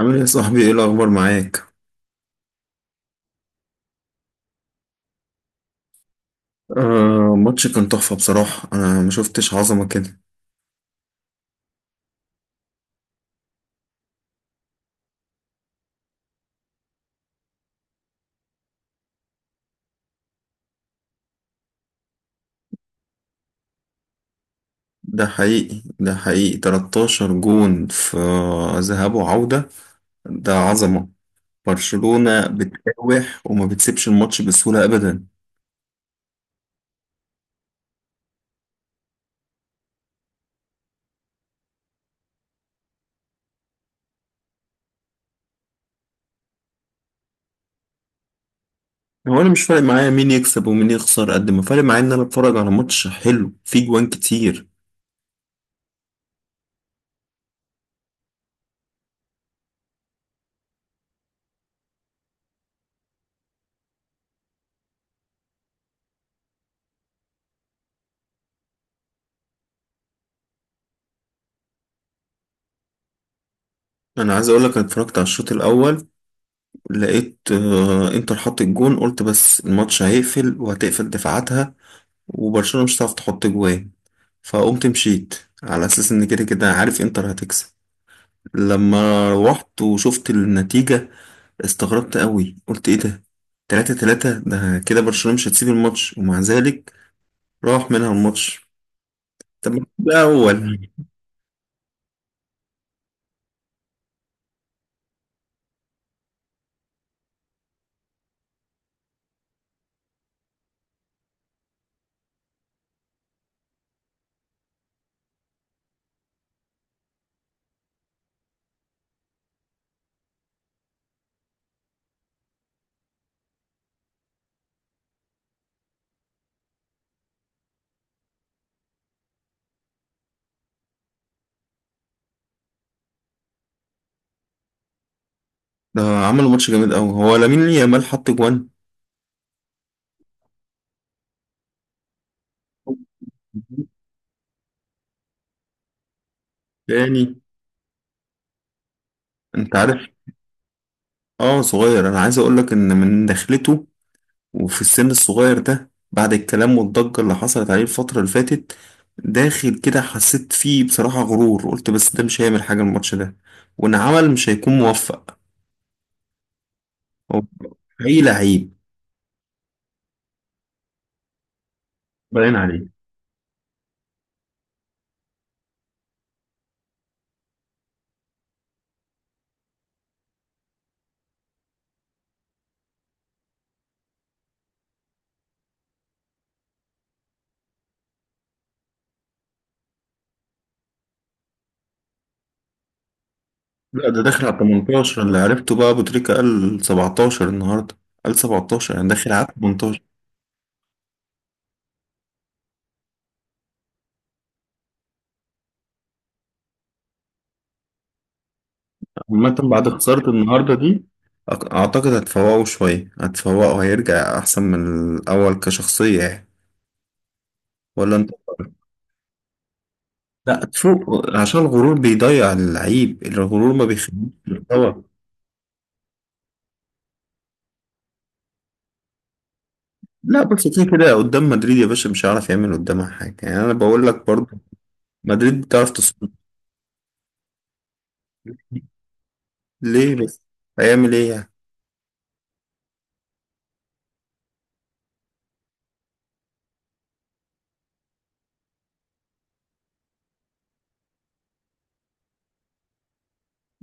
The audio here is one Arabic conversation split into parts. عامل ايه يا صاحبي؟ ايه الاخبار معاك؟ آه، ماتش كان تحفة بصراحة، انا ما شفتش عظمة كده. ده حقيقي، ده حقيقي، 13 جون في ذهاب وعودة، ده عظمة. برشلونة بتراوح وما بتسيبش الماتش بسهولة ابدا. هو انا مش فارق معايا مين يكسب ومين يخسر قد ما فارق معايا ان انا اتفرج على ماتش حلو فيه جوان كتير. انا عايز اقول لك، انا اتفرجت على الشوط الاول، لقيت انتر حط الجون، قلت بس الماتش هيقفل وهتقفل دفاعاتها وبرشلونة مش هتعرف تحط جوان، فقمت مشيت على اساس ان كده كده عارف انتر هتكسب. لما روحت وشفت النتيجة استغربت قوي، قلت ايه ده، تلاتة تلاتة، ده كده برشلونة مش هتسيب الماتش، ومع ذلك راح منها الماتش. طب ما ده اول ده، عملوا ماتش جامد قوي، هو لامين يامال حط جوان تاني. انت عارف، اه صغير، انا عايز اقول لك ان من دخلته وفي السن الصغير ده بعد الكلام والضجة اللي حصلت عليه الفترة اللي فاتت، داخل كده حسيت فيه بصراحة غرور، قلت بس ده مش هيعمل حاجة الماتش ده، وإن عمل مش هيكون موفق. هو حقيقي لعيب. باين عليه. لا، ده داخل على 18، اللي عرفته بقى أبو تريكة قال 17 النهاردة، قال 17 يعني داخل على 18. عامة بعد خسارة النهاردة دي، أعتقد هتفوقه شوية، هتفوقه هيرجع أحسن من الأول كشخصية يعني. ولا أنت؟ لا، تشوف، عشان الغرور بيضيع اللعيب، الغرور ما بيخليش يتطور. لا، بس كده كده قدام مدريد يا باشا مش هيعرف يعمل قدامها حاجة، يعني أنا بقول لك برضه، مدريد بتعرف تصدر. ليه بس؟ هيعمل إيه يعني؟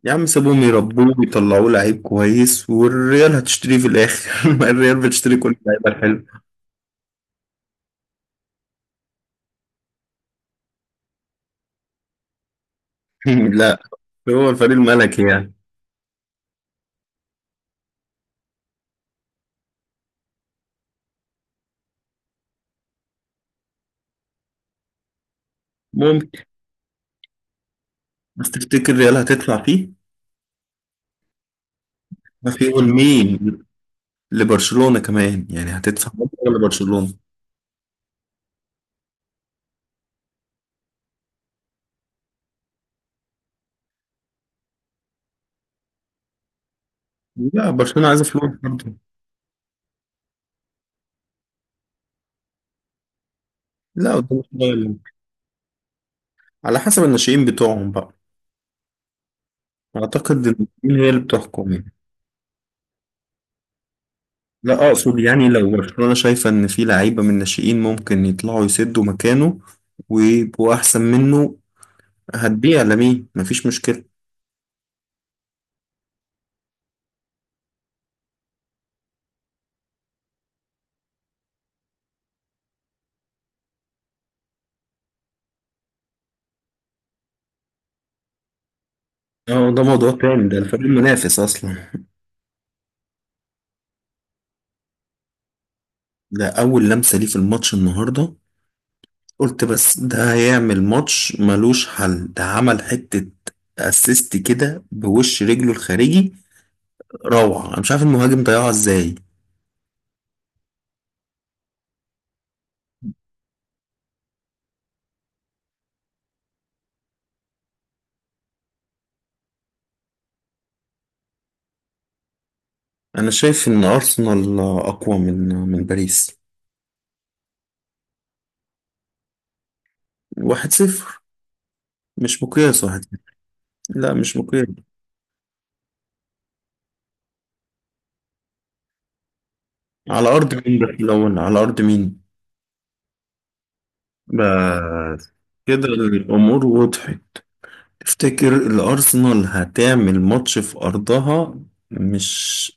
يا عم سيبهم يربوه ويطلعوه لعيب كويس والريال هتشتريه في الآخر. ما الريال بتشتري كل اللعيبة الحلوة. لا، هو الفريق الملكي يعني. ممكن. بس تفتكر الريال هتدفع فيه؟ ما في مين لبرشلونة كمان يعني، هتدفع مبلغ لبرشلونة. لا برشلونة عايزة فلوس برضه. لا قدام الشباب، على حسب الناشئين بتوعهم بقى. اعتقد ان الناشئين هي اللي بتحكم يعني. لا اقصد يعني لو برشلونة شايفة ان في لعيبة من الناشئين ممكن يطلعوا يسدوا مكانه ويبقوا احسن منه، هتبيع لمين، مفيش مشكلة. اه، ده موضوع تاني، ده الفريق المنافس اصلا. ده اول لمسة ليه في الماتش النهاردة، قلت بس ده هيعمل ماتش ملوش حل. ده عمل حتة اسيست كده بوش رجله الخارجي، روعة. انا مش عارف المهاجم ضيعها ازاي. أنا شايف إن أرسنال أقوى من باريس. واحد صفر مش مقياس، واحد صفر. لا مش مقياس. على أرض مين بس الأول؟ على أرض مين؟ بس كده الأمور وضحت. تفتكر الأرسنال هتعمل ماتش في أرضها؟ مش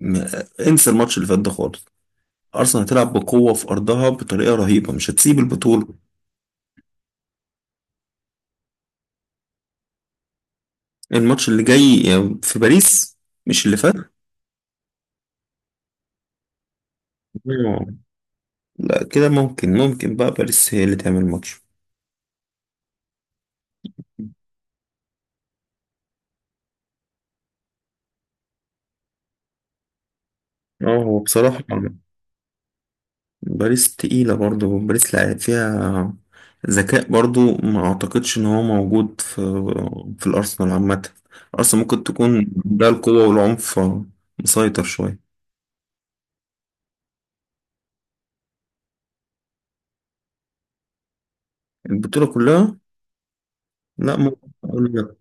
م... انسى الماتش اللي فات ده خالص. أرسنال هتلعب بقوة في أرضها بطريقة رهيبة، مش هتسيب البطولة. الماتش اللي جاي في باريس، مش اللي فات. آه. لا كده ممكن بقى باريس هي اللي تعمل ماتش. اه هو بصراحة، باريس تقيلة برضو، باريس لعب فيها ذكاء برضو ما اعتقدش ان هو موجود في الارسنال عامة. ارسنال ممكن تكون ده القوة والعنف مسيطر شوية. البطولة كلها؟ لا، ممكن اقول لك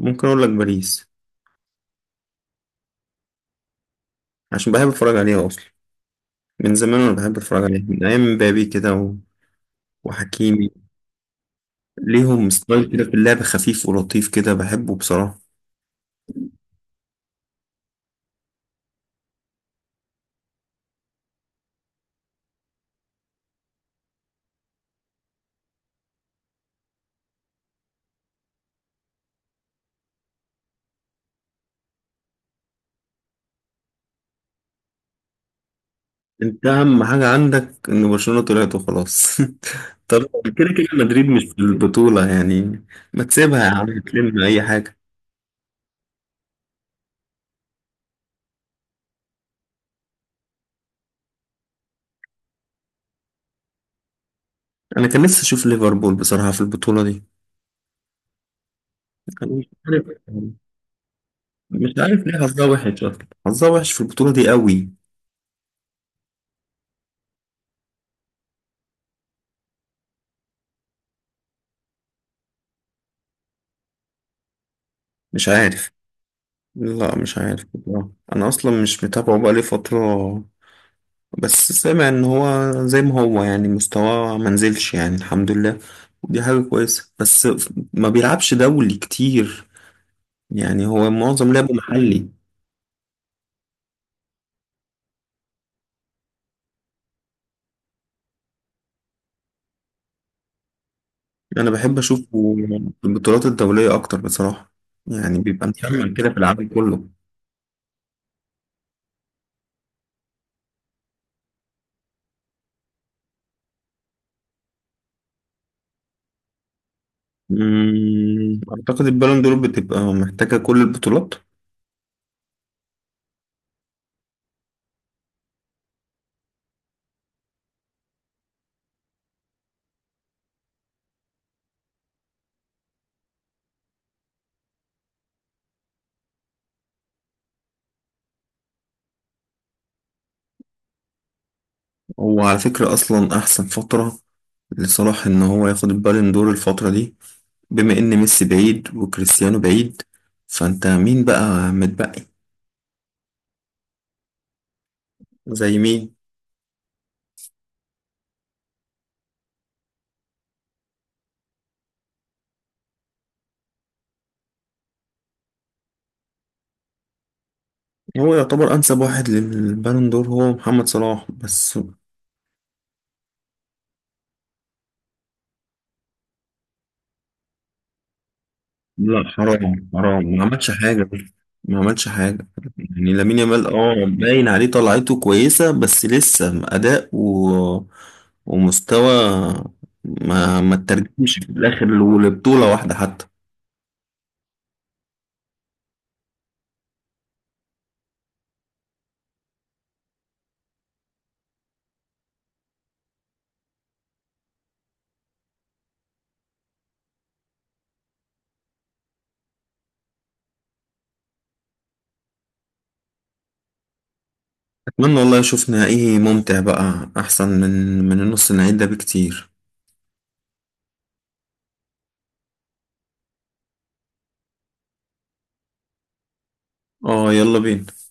ممكن اقول لك باريس. عشان بحب اتفرج عليها اصلا، من زمان انا بحب اتفرج عليها من ايام مبابي كده وحكيمي. ليهم ستايل كده في اللعب خفيف ولطيف كده بحبه بصراحة. انت اهم حاجه عندك ان برشلونه طلعت وخلاص. طب كده كده مدريد مش في البطوله يعني، ما تسيبها يا عم تلم اي حاجه. انا كان نفسي اشوف ليفربول بصراحه في البطوله دي. أنا مش عارف يعني، مش عارف ليه حظها وحش اصلا، حظها وحش في البطوله دي قوي. مش عارف. لا مش عارف بصراحة. انا اصلا مش متابعه بقالي فتره، بس سامع ان هو زي ما هو يعني مستواه ما نزلش يعني الحمد لله، ودي حاجه كويسه، بس ما بيلعبش دولي كتير يعني، هو معظم لعبه محلي. انا بحب اشوفه في البطولات الدوليه اكتر بصراحه، يعني بيبقى مكمل كده في العالم كله. اعتقد البالون دور بتبقى محتاجه كل البطولات. وعلى فكره اصلا احسن فتره لصلاح ان هو ياخد البالون دور الفتره دي، بما ان ميسي بعيد وكريستيانو بعيد، فانت مين بقى متبقي؟ زي مين؟ هو يعتبر انسب واحد للبالون دور هو محمد صلاح بس. لا، حرام حرام، ما عملش حاجة، ما عملش حاجة. يعني لامين يامال اه باين عليه طلعته كويسة، بس لسه أداء ومستوى ما ترجمش في الآخر لبطولة واحدة حتى. أتمنى والله أشوف نهائي ممتع بقى أحسن من النص النهائي ده بكتير. اه، يلا بينا.